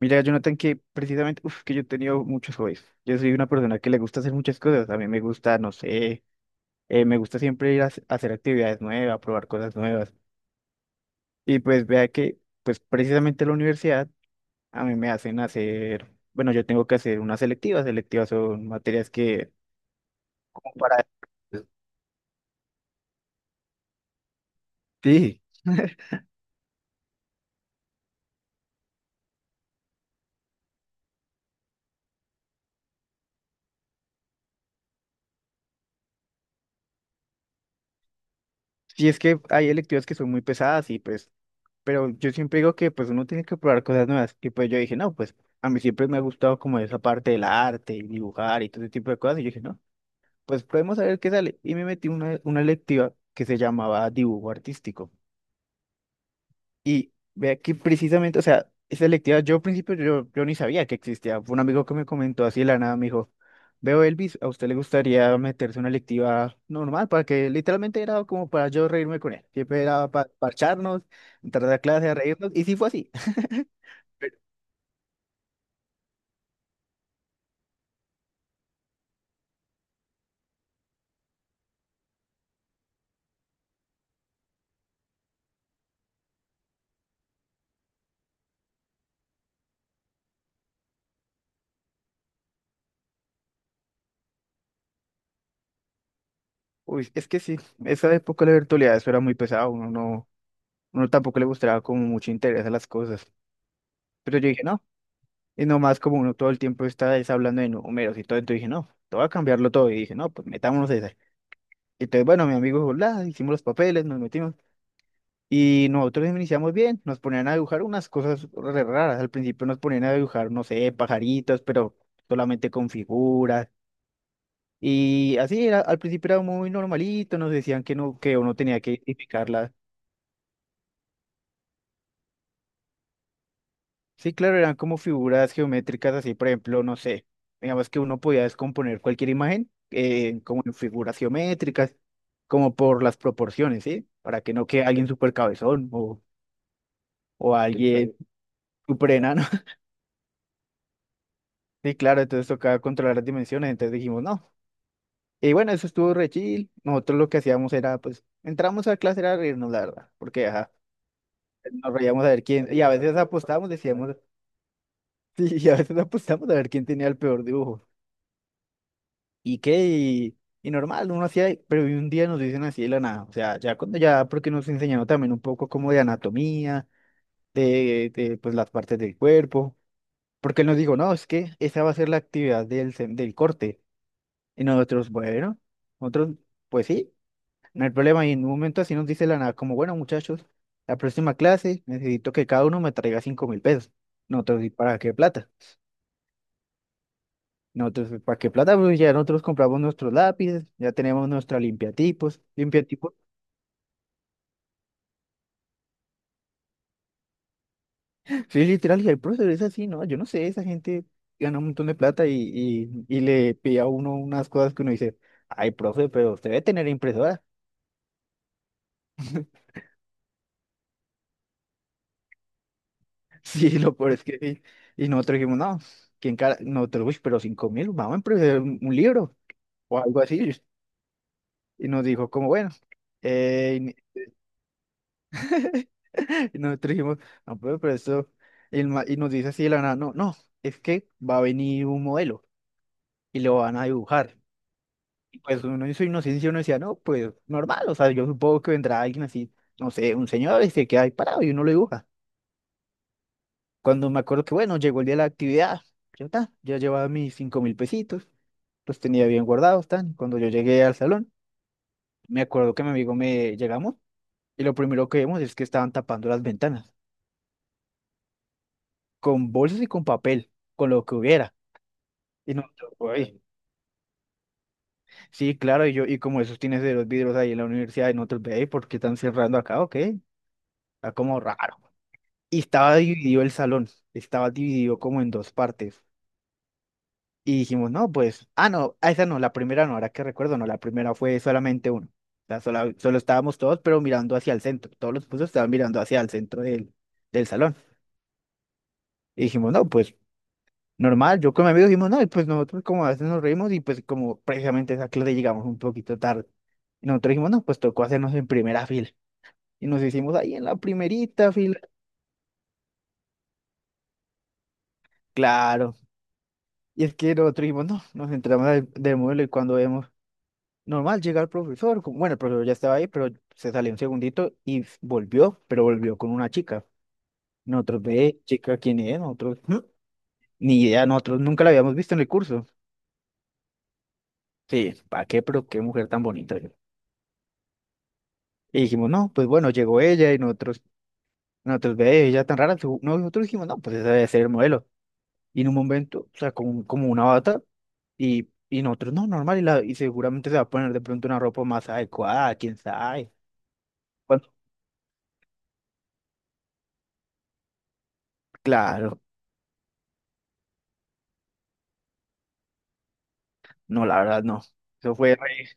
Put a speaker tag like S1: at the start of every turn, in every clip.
S1: Mira, Jonathan, que precisamente, que yo he tenido muchos hobbies. Yo soy una persona que le gusta hacer muchas cosas. A mí me gusta, no sé, me gusta siempre ir a hacer actividades nuevas, probar cosas nuevas. Y pues vea pues precisamente la universidad a mí me hacen hacer, bueno, yo tengo que hacer unas selectivas. Selectivas son materias que... Para... Sí, sí, es que hay electivas que son muy pesadas y pues pero yo siempre digo que pues uno tiene que probar cosas nuevas. Y pues yo dije, no, pues a mí siempre me ha gustado como esa parte del arte y dibujar y todo ese tipo de cosas. Y yo dije, no, pues podemos saber qué sale. Y me metí una electiva que se llamaba dibujo artístico. Y vea que precisamente, o sea, esa electiva, yo al principio yo ni sabía que existía. Fue un amigo que me comentó así de la nada, me dijo, veo Elvis, ¿a usted le gustaría meterse una electiva normal? Para que literalmente era como para yo reírme con él. Siempre era para parcharnos, entrar a la clase a reírnos. Y sí fue así. Uy, es que sí, esa época de la virtualidad eso era muy pesado, uno no, uno tampoco le mostraba como mucho interés a las cosas. Pero yo dije, no, y nomás como uno todo el tiempo está es hablando de números y todo, entonces dije, no, todo a cambiarlo todo. Y dije, no, pues metámonos a esa. Entonces, bueno, mi amigo dijo, "La", hicimos los papeles, nos metimos. Y nosotros iniciamos bien, nos ponían a dibujar unas cosas re raras. Al principio nos ponían a dibujar, no sé, pajaritos, pero solamente con figuras. Y así era, al principio era muy normalito, nos decían que no, que uno tenía que identificarlas. Sí, claro, eran como figuras geométricas así, por ejemplo, no sé, digamos que uno podía descomponer cualquier imagen como en figuras geométricas, como por las proporciones, ¿sí? Para que no quede alguien súper cabezón o sí, claro, alguien súper enano. Sí, claro, entonces tocaba controlar las dimensiones, entonces dijimos no. Y bueno, eso estuvo re chill. Nosotros lo que hacíamos era, pues, entramos a clase era reírnos, la verdad, porque ajá, nos reíamos a ver quién, y a veces apostábamos, decíamos, sí, y a veces apostábamos a ver quién tenía el peor dibujo. ¿Y qué? Y normal, uno hacía, pero un día nos dicen así de la nada, o sea, ya cuando ya, porque nos enseñaron también un poco como de anatomía, pues las partes del cuerpo, porque él nos dijo, no, es que esa va a ser la actividad del del corte, y nosotros, bueno, nosotros, pues sí, no hay problema, y en un momento así nos dice de la nada, como, bueno, muchachos, la próxima clase necesito que cada uno me traiga 5000 pesos, nosotros, ¿y para qué plata? Nosotros, ¿para qué plata? Pues ya nosotros compramos nuestros lápices, ya tenemos nuestra limpiatipos, limpiatipos. Sí, literal, y el profesor es así, ¿no? Yo no sé, esa gente gana un montón de plata y le pide a uno unas cosas que uno dice, ay, profe, pero usted debe tener impresora. Sí, lo peor es que sí. Y nosotros dijimos, no, ¿quién cara? Nosotros, uy, pero 5000, vamos a imprimir un libro o algo así. Y nos dijo, como bueno, eh, y nosotros dijimos, no, pero eso, y, el y nos dice así de la nada, no, no, es que va a venir un modelo y lo van a dibujar. Y pues uno en su inocencia uno decía, no, pues normal, o sea, yo supongo que vendrá alguien así, no sé, un señor y se queda ahí parado y uno lo dibuja. Cuando me acuerdo que, bueno, llegó el día de la actividad, ya está, ya llevaba mis 5000 pesitos, los tenía bien guardados, tan. Cuando yo llegué al salón, me acuerdo que mi amigo me llegamos y lo primero que vemos es que estaban tapando las ventanas con bolsas y con papel, con lo que hubiera. Y nosotros, "Uy, sí, claro, y yo, y como esos tienes de los vidrios ahí en la universidad, y nosotros, ve, ¿por qué están cerrando acá? Ok, está como raro. Y estaba dividido el salón, estaba dividido como en 2 partes. Y dijimos, no, pues, ah, no, a esa no, la primera no, ahora que recuerdo, no, la primera fue solamente uno. O sea, solo, estábamos todos, pero mirando hacia el centro. Todos los puestos estaban mirando hacia el centro del salón. Y dijimos, no, pues normal, yo con mi amigo dijimos, no, y pues nosotros como a veces nos reímos y pues como precisamente a esa clase llegamos un poquito tarde. Y nosotros dijimos, no, pues tocó hacernos en primera fila. Y nos hicimos ahí en la primerita fila. Claro. Y es que nosotros dijimos, no, nos entramos del modelo y cuando vemos, normal, llega el profesor. Bueno, el profesor ya estaba ahí, pero se salió un segundito y volvió, pero volvió con una chica. Nosotros, ve, chica, ¿quién es? Nosotros, "Mm", ni idea, nosotros nunca la habíamos visto en el curso. Sí, ¿para qué? Pero qué mujer tan bonita. Y dijimos, no, pues bueno, llegó ella y nosotros ve ella tan rara. No, nosotros dijimos, no, pues ese debe ser el modelo. Y en un momento, o sea, como, como una bata, y nosotros, no, normal, y, la, y seguramente se va a poner de pronto una ropa más adecuada, quién sabe. Bueno, claro, no, la verdad no. Eso fue re-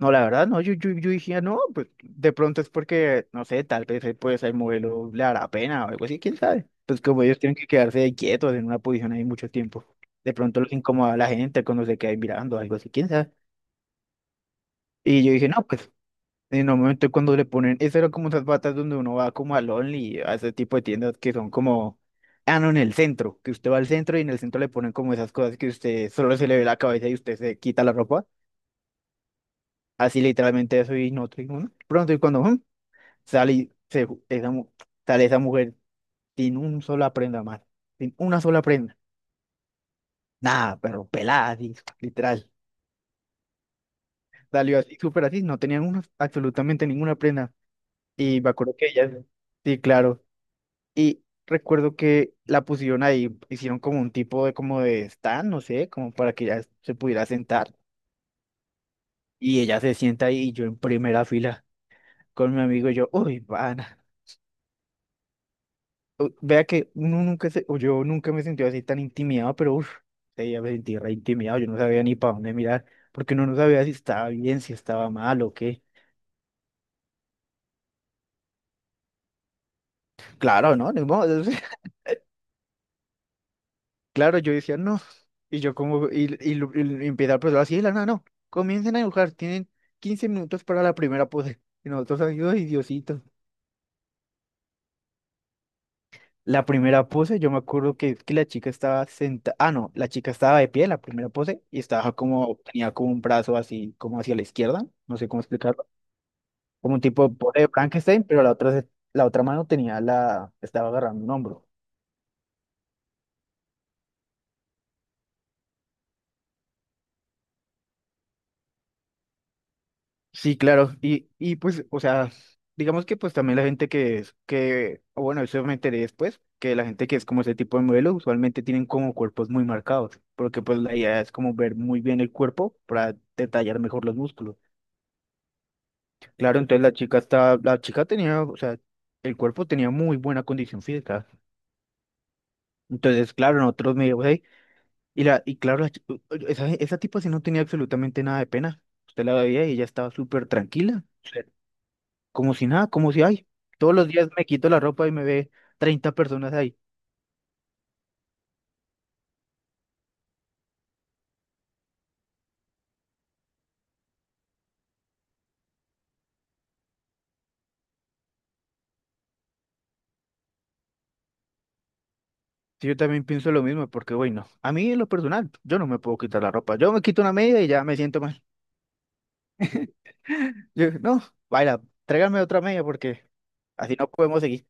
S1: no, la verdad, no, yo dije, no, pues de pronto es porque, no sé, tal vez pues el modelo le hará pena o algo así, quién sabe. Pues como ellos tienen que quedarse ahí quietos en una posición ahí mucho tiempo, de pronto los incomoda a la gente cuando se quedan mirando, algo así, quién sabe. Y yo dije, no, pues en un momento cuando le ponen, esas eran como esas batas donde uno va como al Only, a ese tipo de tiendas que son como, ah, no, en el centro, que usted va al centro y en el centro le ponen como esas cosas que usted solo se le ve la cabeza y usted se quita la ropa. Así literalmente eso y no tengo uno. Pronto y cuando, sale, y se, sale esa mujer sin un sola prenda más, sin una sola prenda. Nada, pero pelada, así, literal. Salió así, súper así, no tenían absolutamente ninguna prenda. Y me acuerdo que ella, sí, claro. Y recuerdo que la pusieron ahí, hicieron como un tipo de como de stand, no sé, como para que ella se pudiera sentar. Y ella se sienta ahí y yo en primera fila con mi amigo y yo, uy, van. Vea que uno nunca se, o yo nunca me sentí así tan intimidado, pero uff, ya me sentí re intimidado, yo no sabía ni para dónde mirar, porque uno no sabía si estaba bien, si estaba mal o qué. Claro, ¿no? Ni modo, claro, yo decía no. Y yo como, y empieza el profesor así, de la nada, no, comiencen a dibujar, tienen 15 minutos para la primera pose. Y nosotros, ay, ay, Diosito. La primera pose, yo me acuerdo que la chica estaba sentada, ah, no, la chica estaba de pie, la primera pose, y estaba como, tenía como un brazo así, como hacia la izquierda, no sé cómo explicarlo, como un tipo de pose de Frankenstein, pero la otra, la otra mano tenía la, estaba agarrando un hombro. Sí, claro, y pues, o sea, digamos que pues también la gente que es, que, o bueno, eso me enteré después, que la gente que es como ese tipo de modelo usualmente tienen como cuerpos muy marcados, porque pues la idea es como ver muy bien el cuerpo para detallar mejor los músculos. Claro, entonces la chica está, la chica tenía, o sea, el cuerpo tenía muy buena condición física. Entonces, claro, nosotros medio ahí. Y la, y claro, la chi- u- u- esa tipa sí no tenía absolutamente nada de pena. Usted la veía y ella estaba súper tranquila, o sea, como si nada, como si ay, todos los días me quito la ropa y me ve 30 personas ahí. Sí, yo también pienso lo mismo, porque bueno, a mí en lo personal, yo no me puedo quitar la ropa. Yo me quito una media y ya me siento mal. Yo, no, baila, tráigame otra media porque así no podemos seguir.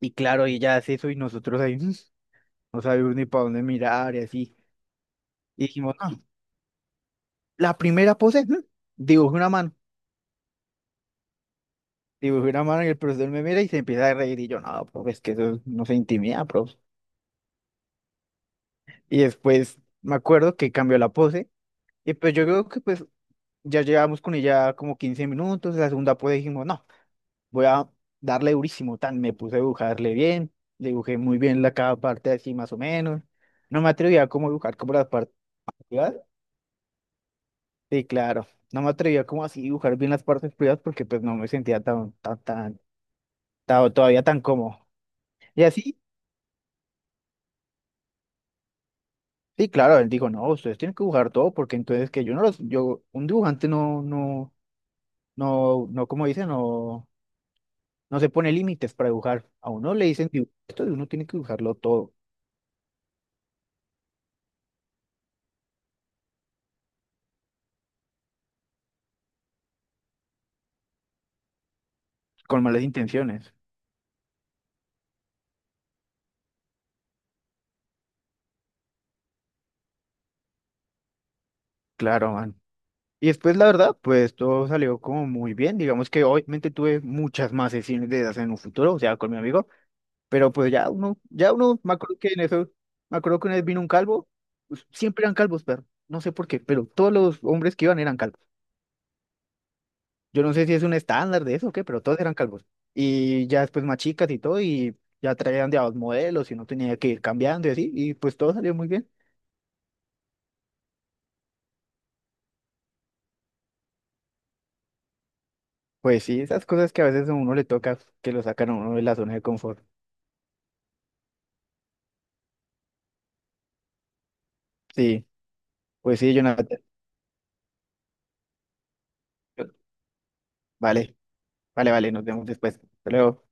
S1: Y claro, y ella hace eso y nosotros no sabemos ni para dónde mirar y así. Y dijimos, no la primera pose, dibujé una mano. Dibujé una mano y el profesor me mira y se empieza a reír. Y yo, no, profe, es que eso no se intimida, profe. Y después me acuerdo que cambió la pose. Y pues yo creo que pues ya llevamos con ella como 15 minutos. La segunda pose dijimos, no, voy a darle durísimo. Tan, me puse a dibujarle bien. Dibujé muy bien la cada parte así más o menos. No me atrevía a como dibujar como las partes. Sí, claro. No me atrevía como así dibujar bien las partes privadas porque pues no me sentía todavía tan cómodo. Y así, sí, claro, él dijo, no, ustedes tienen que dibujar todo porque entonces que yo no los, yo, un dibujante no, como dicen, no, no se pone límites para dibujar. A uno le dicen, Esto de uno tiene que dibujarlo todo, con malas intenciones. Claro, man. Y después, la verdad, pues todo salió como muy bien. Digamos que obviamente tuve muchas más sesiones de esas en un futuro, o sea, con mi amigo. Pero pues ya uno, me acuerdo que en eso, me acuerdo que una vez vino un calvo, pues, siempre eran calvos, pero no sé por qué, pero todos los hombres que iban eran calvos. Yo no sé si es un estándar de eso o qué, pero todos eran calvos. Y ya después más chicas y todo, y ya traían de a 2 modelos y no tenía que ir cambiando y así, y pues todo salió muy bien. Pues sí, esas cosas que a veces a uno le toca, que lo sacan a uno de la zona de confort. Sí, pues sí, Jonathan. Vale, vale, nos vemos después. Hasta luego.